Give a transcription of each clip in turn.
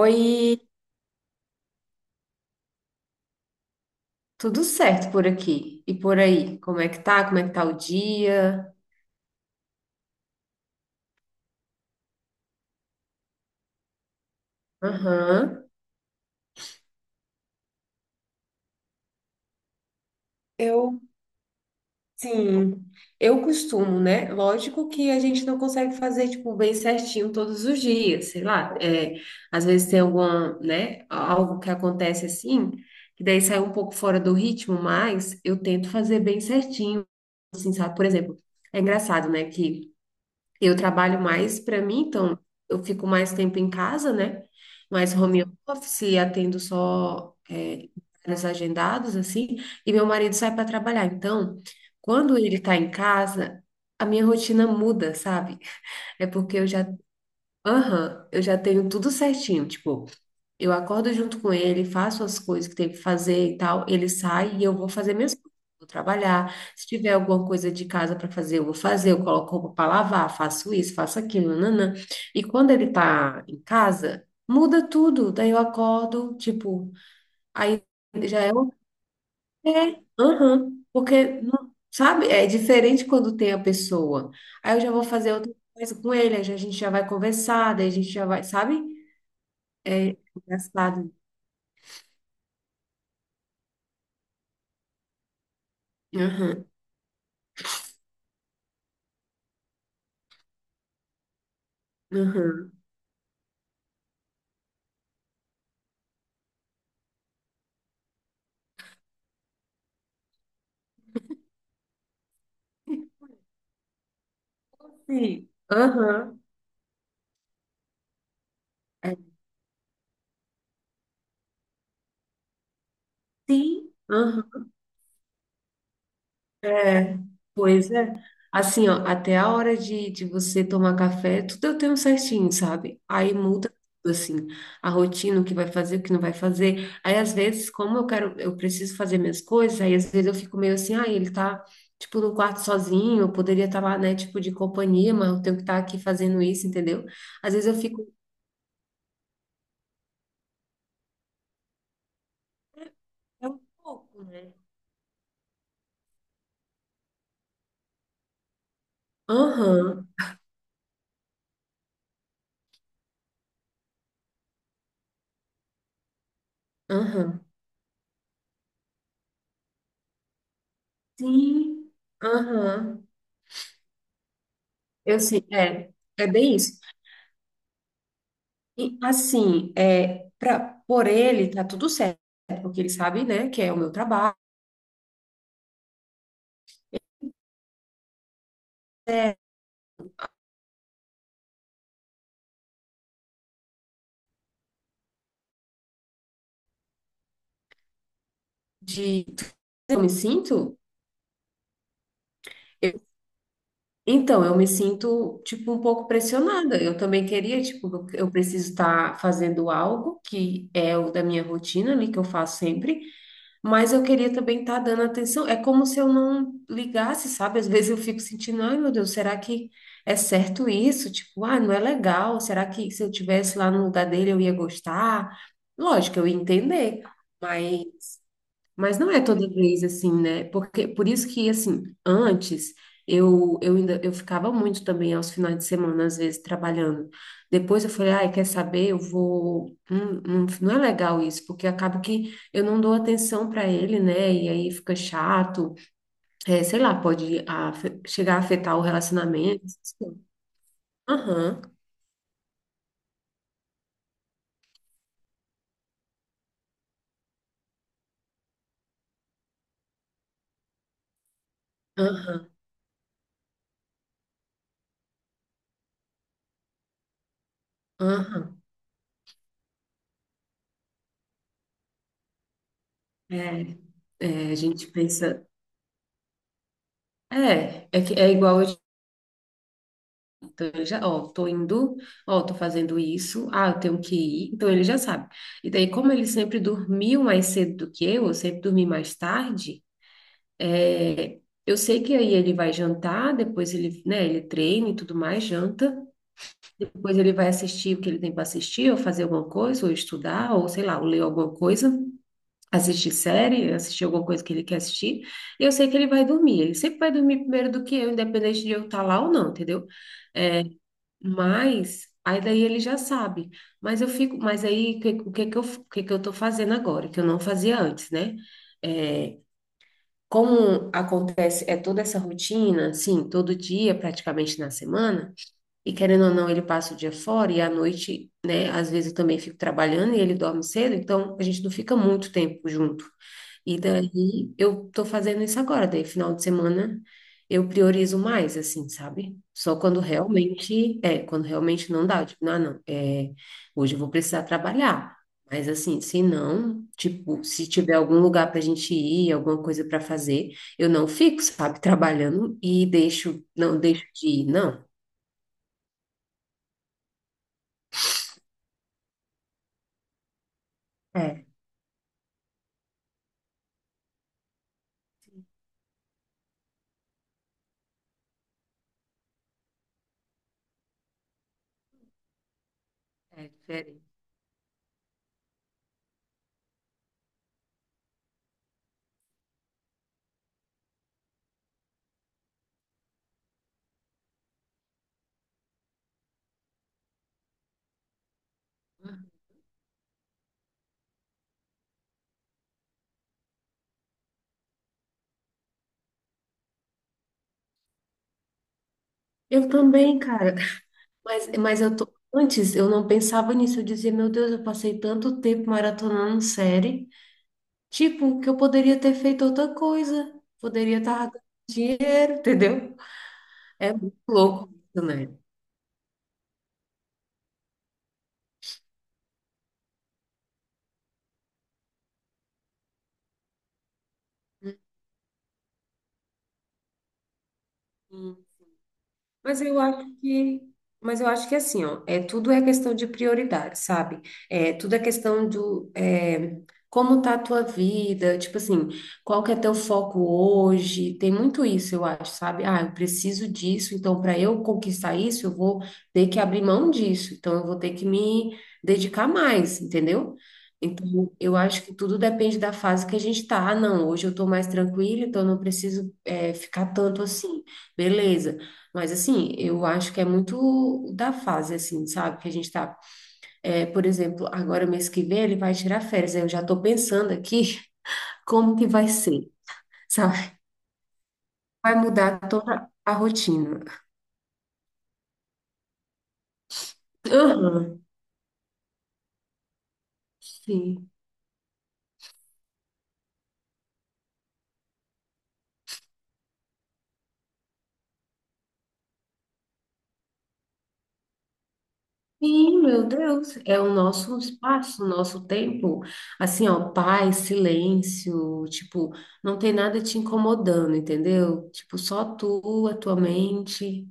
Oi, tudo certo por aqui e por aí? Como é que tá? Como é que tá o dia? Aham. Eu, sim, eu costumo, né? Lógico que a gente não consegue fazer, tipo, bem certinho todos os dias, sei lá. É, às vezes tem alguma, né? Algo que acontece assim, que daí sai um pouco fora do ritmo, mas eu tento fazer bem certinho, assim, sabe? Por exemplo, é engraçado, né? Que Eu trabalho mais para mim, então eu fico mais tempo em casa, né? Mais home office, e atendo só horários agendados, assim, e meu marido sai para trabalhar. Então, quando ele está em casa, a minha rotina muda, sabe? É porque eu já, aham, eu já tenho tudo certinho, tipo. Eu acordo junto com ele, faço as coisas que tem que fazer e tal. Ele sai e eu vou fazer minhas coisas. Vou trabalhar. Se tiver alguma coisa de casa para fazer, eu vou fazer. Eu coloco roupa para lavar, faço isso, faço aquilo, nanã. E quando ele tá em casa, muda tudo. Daí eu acordo, tipo, aí já é o é, aham, porque não, sabe? É diferente quando tem a pessoa. Aí eu já vou fazer outra coisa com ele, a gente já vai conversar, daí a gente já vai, sabe? É engraçado. Aham. Aham. Sim. Aham. É, sim. Aham. É. Pois é. Assim, ó, até a hora de você tomar café, tudo eu tenho certinho, sabe? Aí muda tudo, assim, a rotina, o que vai fazer, o que não vai fazer. Aí, às vezes, como eu quero, eu preciso fazer minhas coisas, aí às vezes eu fico meio assim, ah, ele tá, tipo, no quarto sozinho, eu poderia estar lá, né, tipo, de companhia, mas eu tenho que estar aqui fazendo isso, entendeu? Às vezes eu fico, é um pouco, né? Aham, aham. Sim, aham, eu sei, é bem isso. E assim, por ele tá tudo certo, porque ele sabe, né, que é o meu trabalho, é de eu me sinto, eu- então, eu me sinto, tipo, um pouco pressionada. Eu também queria, tipo, eu preciso estar fazendo algo que é o da minha rotina ali, que eu faço sempre, mas eu queria também estar dando atenção. É como se eu não ligasse, sabe? Às vezes eu fico sentindo, ai meu Deus, será que é certo isso? Tipo, ah, não é legal. Será que se eu tivesse lá no lugar dele eu ia gostar? Lógico, eu ia entender, mas não é toda vez assim, né? Porque por isso que assim, antes eu ainda eu ficava muito também aos finais de semana às vezes trabalhando. Depois eu falei, ai, quer saber? Eu vou não é legal isso, porque acaba que eu não dou atenção para ele, né? E aí fica chato. É, sei lá, chegar a afetar o relacionamento. Aham, aham, aham. É, a gente pensa, é que é igual eu. Então, ele já, ó, tô indo, ó, tô fazendo isso, ah, eu tenho que ir. Então, ele já sabe. E daí, como ele sempre dormiu mais cedo do que eu sempre dormi mais tarde, é, eu sei que aí ele vai jantar, depois ele, né, ele treina e tudo mais, janta, depois ele vai assistir o que ele tem para assistir, ou fazer alguma coisa, ou estudar, ou sei lá, ou ler alguma coisa. Assistir série, assistir alguma coisa que ele quer assistir, e eu sei que ele vai dormir. Ele sempre vai dormir primeiro do que eu, independente de eu estar lá ou não, entendeu? Mas aí daí ele já sabe. Mas eu fico, mas aí o que que eu tô fazendo agora, que eu não fazia antes, né? É, como acontece, é toda essa rotina, sim, todo dia, praticamente na semana. E querendo ou não, ele passa o dia fora e à noite, né? Às vezes eu também fico trabalhando e ele dorme cedo, então a gente não fica muito tempo junto. E daí eu tô fazendo isso agora, daí final de semana eu priorizo mais, assim, sabe? Só quando realmente não dá, tipo, não, não, hoje eu vou precisar trabalhar. Mas assim, se não, tipo, se tiver algum lugar pra gente ir, alguma coisa pra fazer, eu não fico, sabe, trabalhando e não deixo de ir, não. É. É diferente. Eu também, cara. Mas eu tô. Antes eu não pensava nisso. Eu dizia, meu Deus, eu passei tanto tempo maratonando série. Tipo, que eu poderia ter feito outra coisa. Poderia estar ganhando dinheiro, entendeu? É muito louco isso, né? Mas eu acho que, mas eu acho que é assim, ó, é tudo é questão de prioridade, sabe? É tudo é questão como tá a tua vida, tipo assim, qual que é teu foco hoje? Tem muito isso, eu acho, sabe? Ah, eu preciso disso, então para eu conquistar isso, eu vou ter que abrir mão disso, então eu vou ter que me dedicar mais, entendeu? Então, eu acho que tudo depende da fase que a gente tá. Ah, não, hoje eu tô mais tranquila, então eu não preciso ficar tanto assim. Beleza. Mas assim, eu acho que é muito da fase, assim, sabe? Que a gente tá. É, por exemplo, agora mês que vem ele vai tirar férias. Eu já tô pensando aqui como que vai ser, sabe? Vai mudar toda a rotina. Aham, sim. Sim, meu Deus. É o nosso espaço, o nosso tempo. Assim, ó, paz, silêncio, tipo, não tem nada te incomodando, entendeu? Tipo, só tu, a tua mente.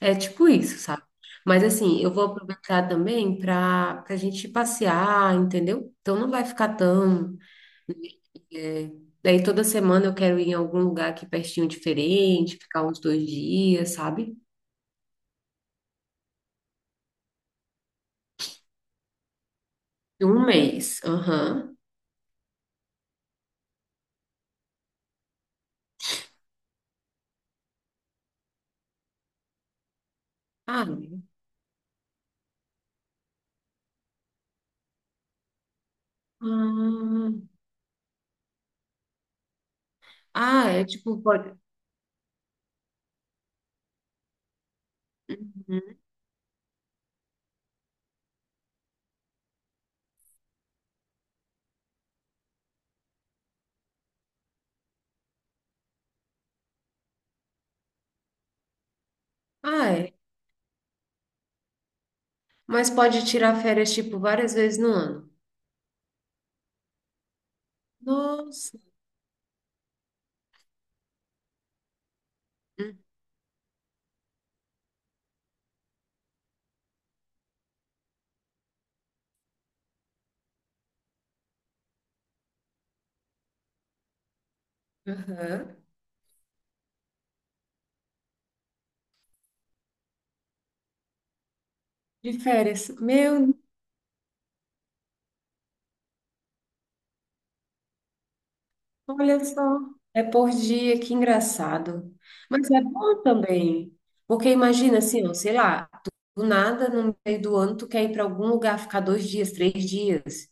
É tipo isso, sabe? Mas assim, eu vou aproveitar também para a gente passear, entendeu? Então não vai ficar tão. é, Daí toda semana eu quero ir em algum lugar aqui pertinho diferente, ficar uns dois dias, sabe? Um mês. Aham. Ah, hum. Ah, é tipo. Pode... Uhum. Ah, é. Mas pode tirar férias, tipo, várias vezes no ano. Nossa. Uhum. De férias. Meu Olha só, é por dia, que engraçado. Mas é bom também, porque imagina assim, ó, sei lá, do nada, no meio do ano, tu quer ir para algum lugar, ficar 2 dias, 3 dias.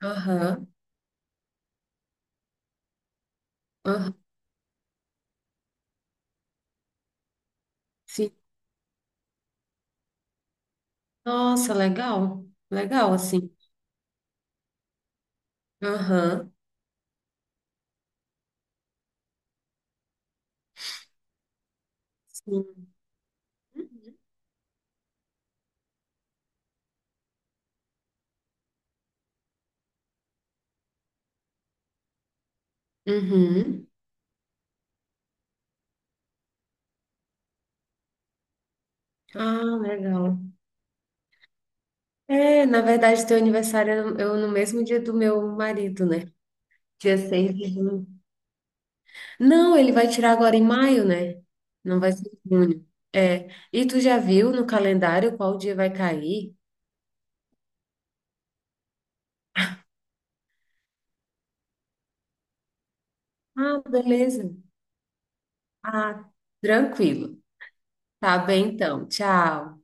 Aham, aham, sim. Nossa, legal, legal, assim. Aham, sim. Uhum. Ah, legal. É, na verdade, teu aniversário é no mesmo dia do meu marido, né? Dia 6 de junho. Não, ele vai tirar agora em maio, né? Não vai ser em junho. É. E tu já viu no calendário qual dia vai cair? Ah, beleza. Ah, tranquilo. Tá bem então. Tchau.